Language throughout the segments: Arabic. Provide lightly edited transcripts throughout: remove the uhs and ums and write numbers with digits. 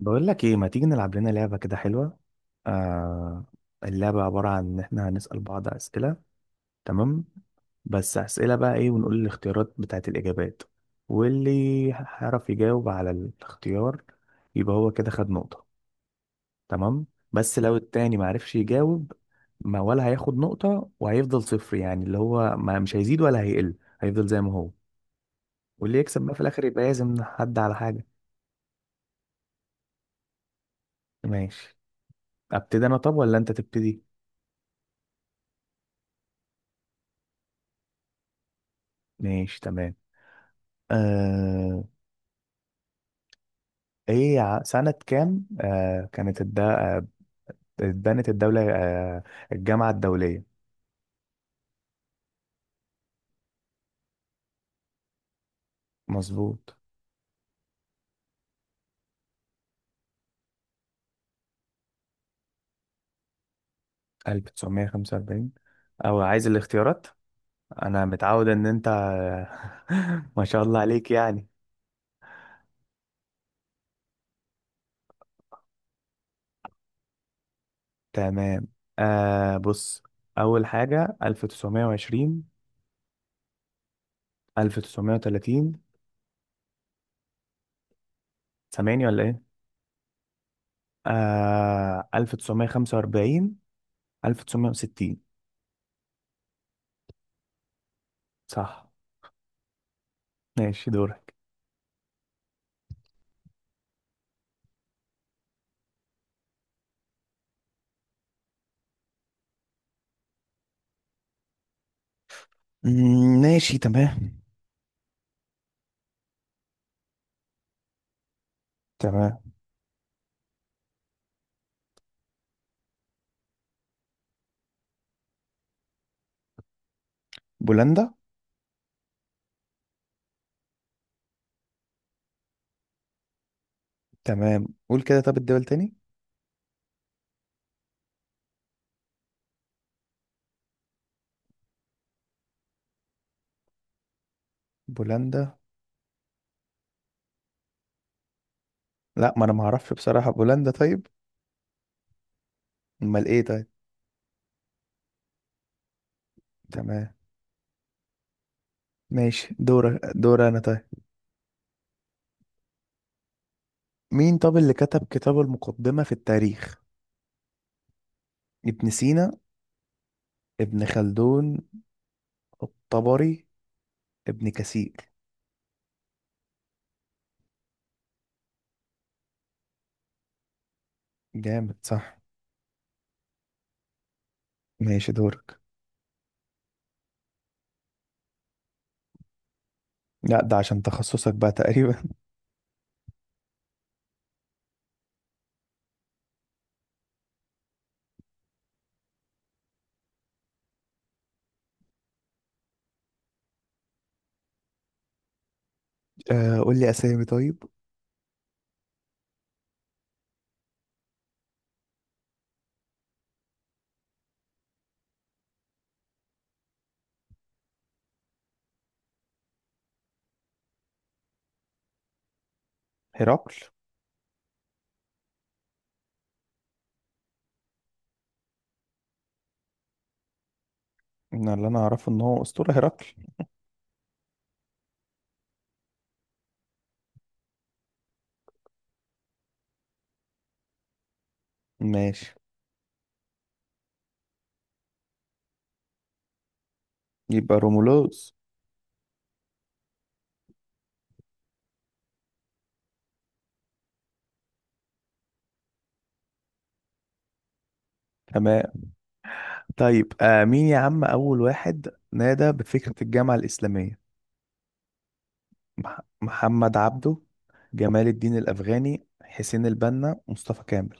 بقول لك ايه ما تيجي نلعب لنا لعبة كده حلوة؟ آه. اللعبة عبارة عن ان احنا هنسأل بعض أسئلة. تمام. بس أسئلة بقى ايه ونقول الاختيارات بتاعت الإجابات، واللي هيعرف يجاوب على الاختيار يبقى هو كده خد نقطة. تمام. بس لو التاني معرفش يجاوب ما ولا هياخد نقطة، وهيفضل صفر يعني اللي هو ما مش هيزيد ولا هيقل، هيفضل زي ما هو. واللي يكسب بقى في الآخر يبقى لازم حد على حاجة. ماشي. أبتدي أنا طب ولا أنت تبتدي؟ ماشي تمام. آه ايه سنة كام، كانت الد... آه، اتبنت الدولة، الجامعة الدولية. مظبوط. 1945. او عايز الاختيارات. انا متعود ان انت. ما شاء الله عليك يعني. تمام. بص، اول حاجة 1920، 1930. سامعني ولا ايه؟ 1945، 1960. صح. ماشي دورك. مم، ماشي تمام. تمام. بولندا. تمام قول كده، طب الدول تاني. بولندا. لا، ما انا ما اعرفش بصراحة بولندا. طيب امال ايه؟ طيب تمام. ماشي، دور دور انا. طيب مين طب اللي كتب كتاب المقدمة في التاريخ؟ ابن سينا، ابن خلدون، الطبري، ابن كثير. جامد صح. ماشي دورك. لا ده عشان تخصصك بقى تقريبا. قول لي اسامي طيب. هرقل. أنا اللي انا اعرفه ان هو اسطورة هرقل. ماشي. يبقى رومولوز. تمام. طيب مين يا عم أول واحد نادى بفكرة الجامعة الإسلامية؟ محمد عبده، جمال الدين الأفغاني، حسين البنا، مصطفى كامل.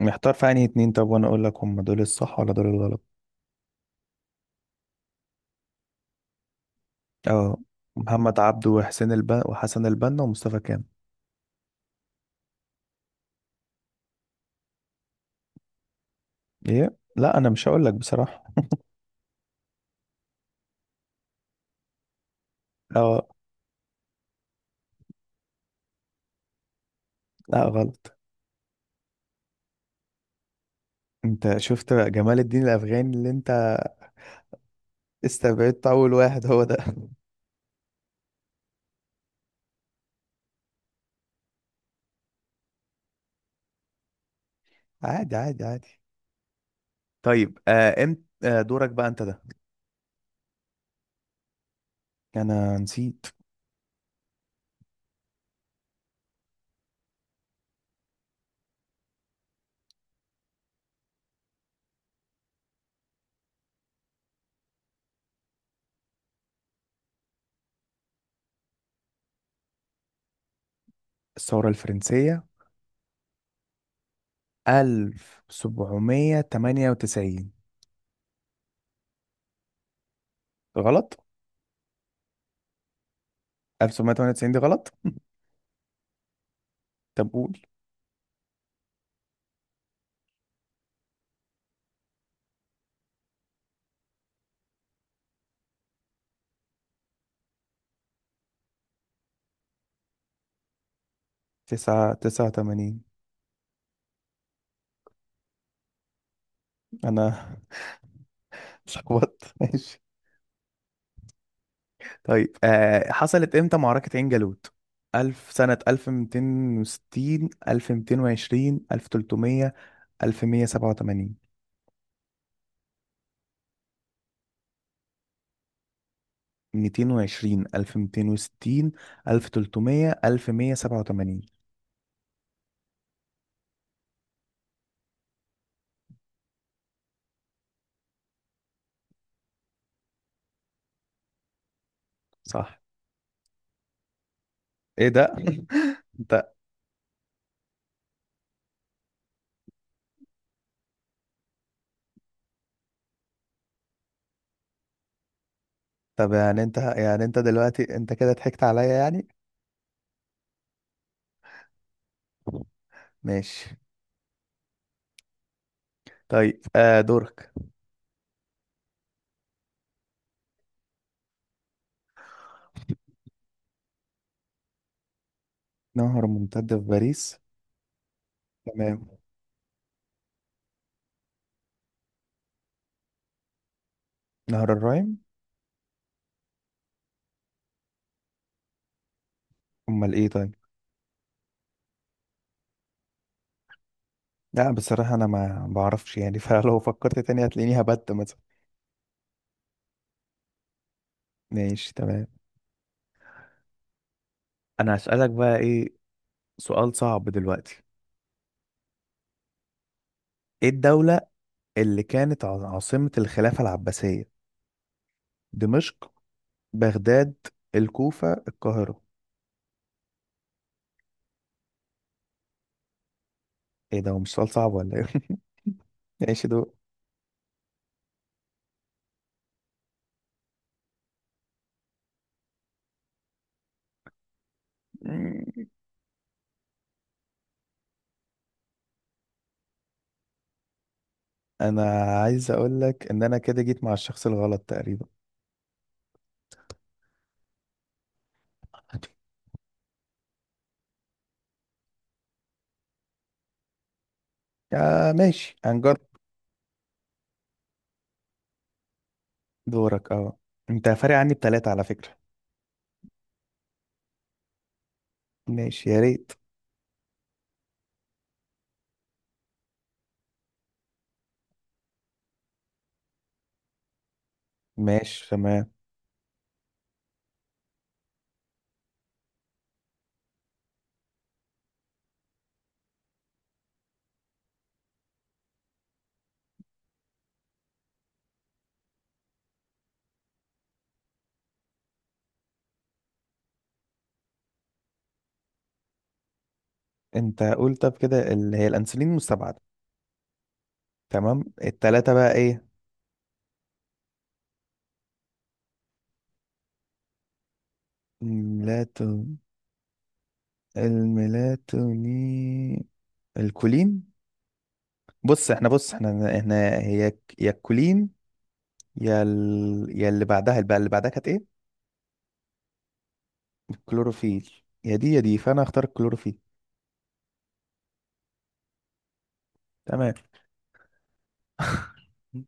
محتار في أنهي اتنين؟ طب وأنا أقول لك هم دول الصح ولا دول الغلط. اه. محمد عبده وحسين البنا وحسن البنا ومصطفى كامل. إيه لا، أنا مش هقول لك بصراحة. اه. لا غلط. أنت شفت بقى جمال الدين الأفغاني اللي أنت استبعدت أول واحد هو ده. عادي عادي عادي. طيب آه امت آه دورك بقى أنت ده. أنا نسيت. الثورة الفرنسية 1798. غلط. 1798 دي غلط. طب قول. 9 89. أنا اتلخبطت. ماشي. طيب حصلت إمتى معركة عين جالوت؟ ألف سنة 1260، 1220، 1300، 1187. 220، 1260، 1300، 1187. صح. ايه ده؟ انت. طب يعني انت يعني انت دلوقتي انت كده ضحكت عليا يعني. ماشي. طيب دورك. نهر ممتد في باريس. تمام. نهر الراين. امال ايه طيب؟ لا بصراحة انا ما بعرفش يعني، فلو فكرت تاني هتلاقيني هبت مثلا. ماشي تمام. انا هسألك بقى ايه. سؤال صعب دلوقتي. ايه الدولة اللي كانت عاصمة الخلافة العباسية؟ دمشق، بغداد، الكوفة، القاهرة. ايه ده، هو مش سؤال صعب ولا ايه؟ ماشي. دول. انا عايز اقول لك ان انا كده جيت مع الشخص الغلط تقريبا. يا ماشي هنجرب. دورك اه. انت فارق عني بتلاتة على فكرة. ماشي يا ريت. ماشي تمام. انت قول طب كده اللي هي الانسولين المستبعدة. تمام التلاتة بقى ايه؟ الميلاتون الميلاتونين، الكولين. بص احنا هي يا الكولين، يا اللي بعدها كانت ايه؟ الكلوروفيل. يا دي يا دي فانا هختار الكلوروفيل. تمام.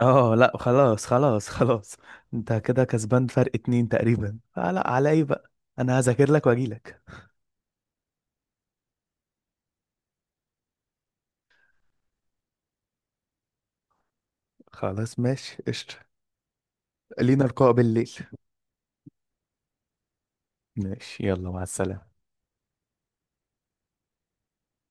اه لا خلاص خلاص خلاص. انت كده كسبان فرق اتنين تقريبا، فلا على ايه بقى. انا هذاكر لك واجي لك. خلاص ماشي قشطة. لينا لقاء بالليل. ماشي يلا مع السلامة.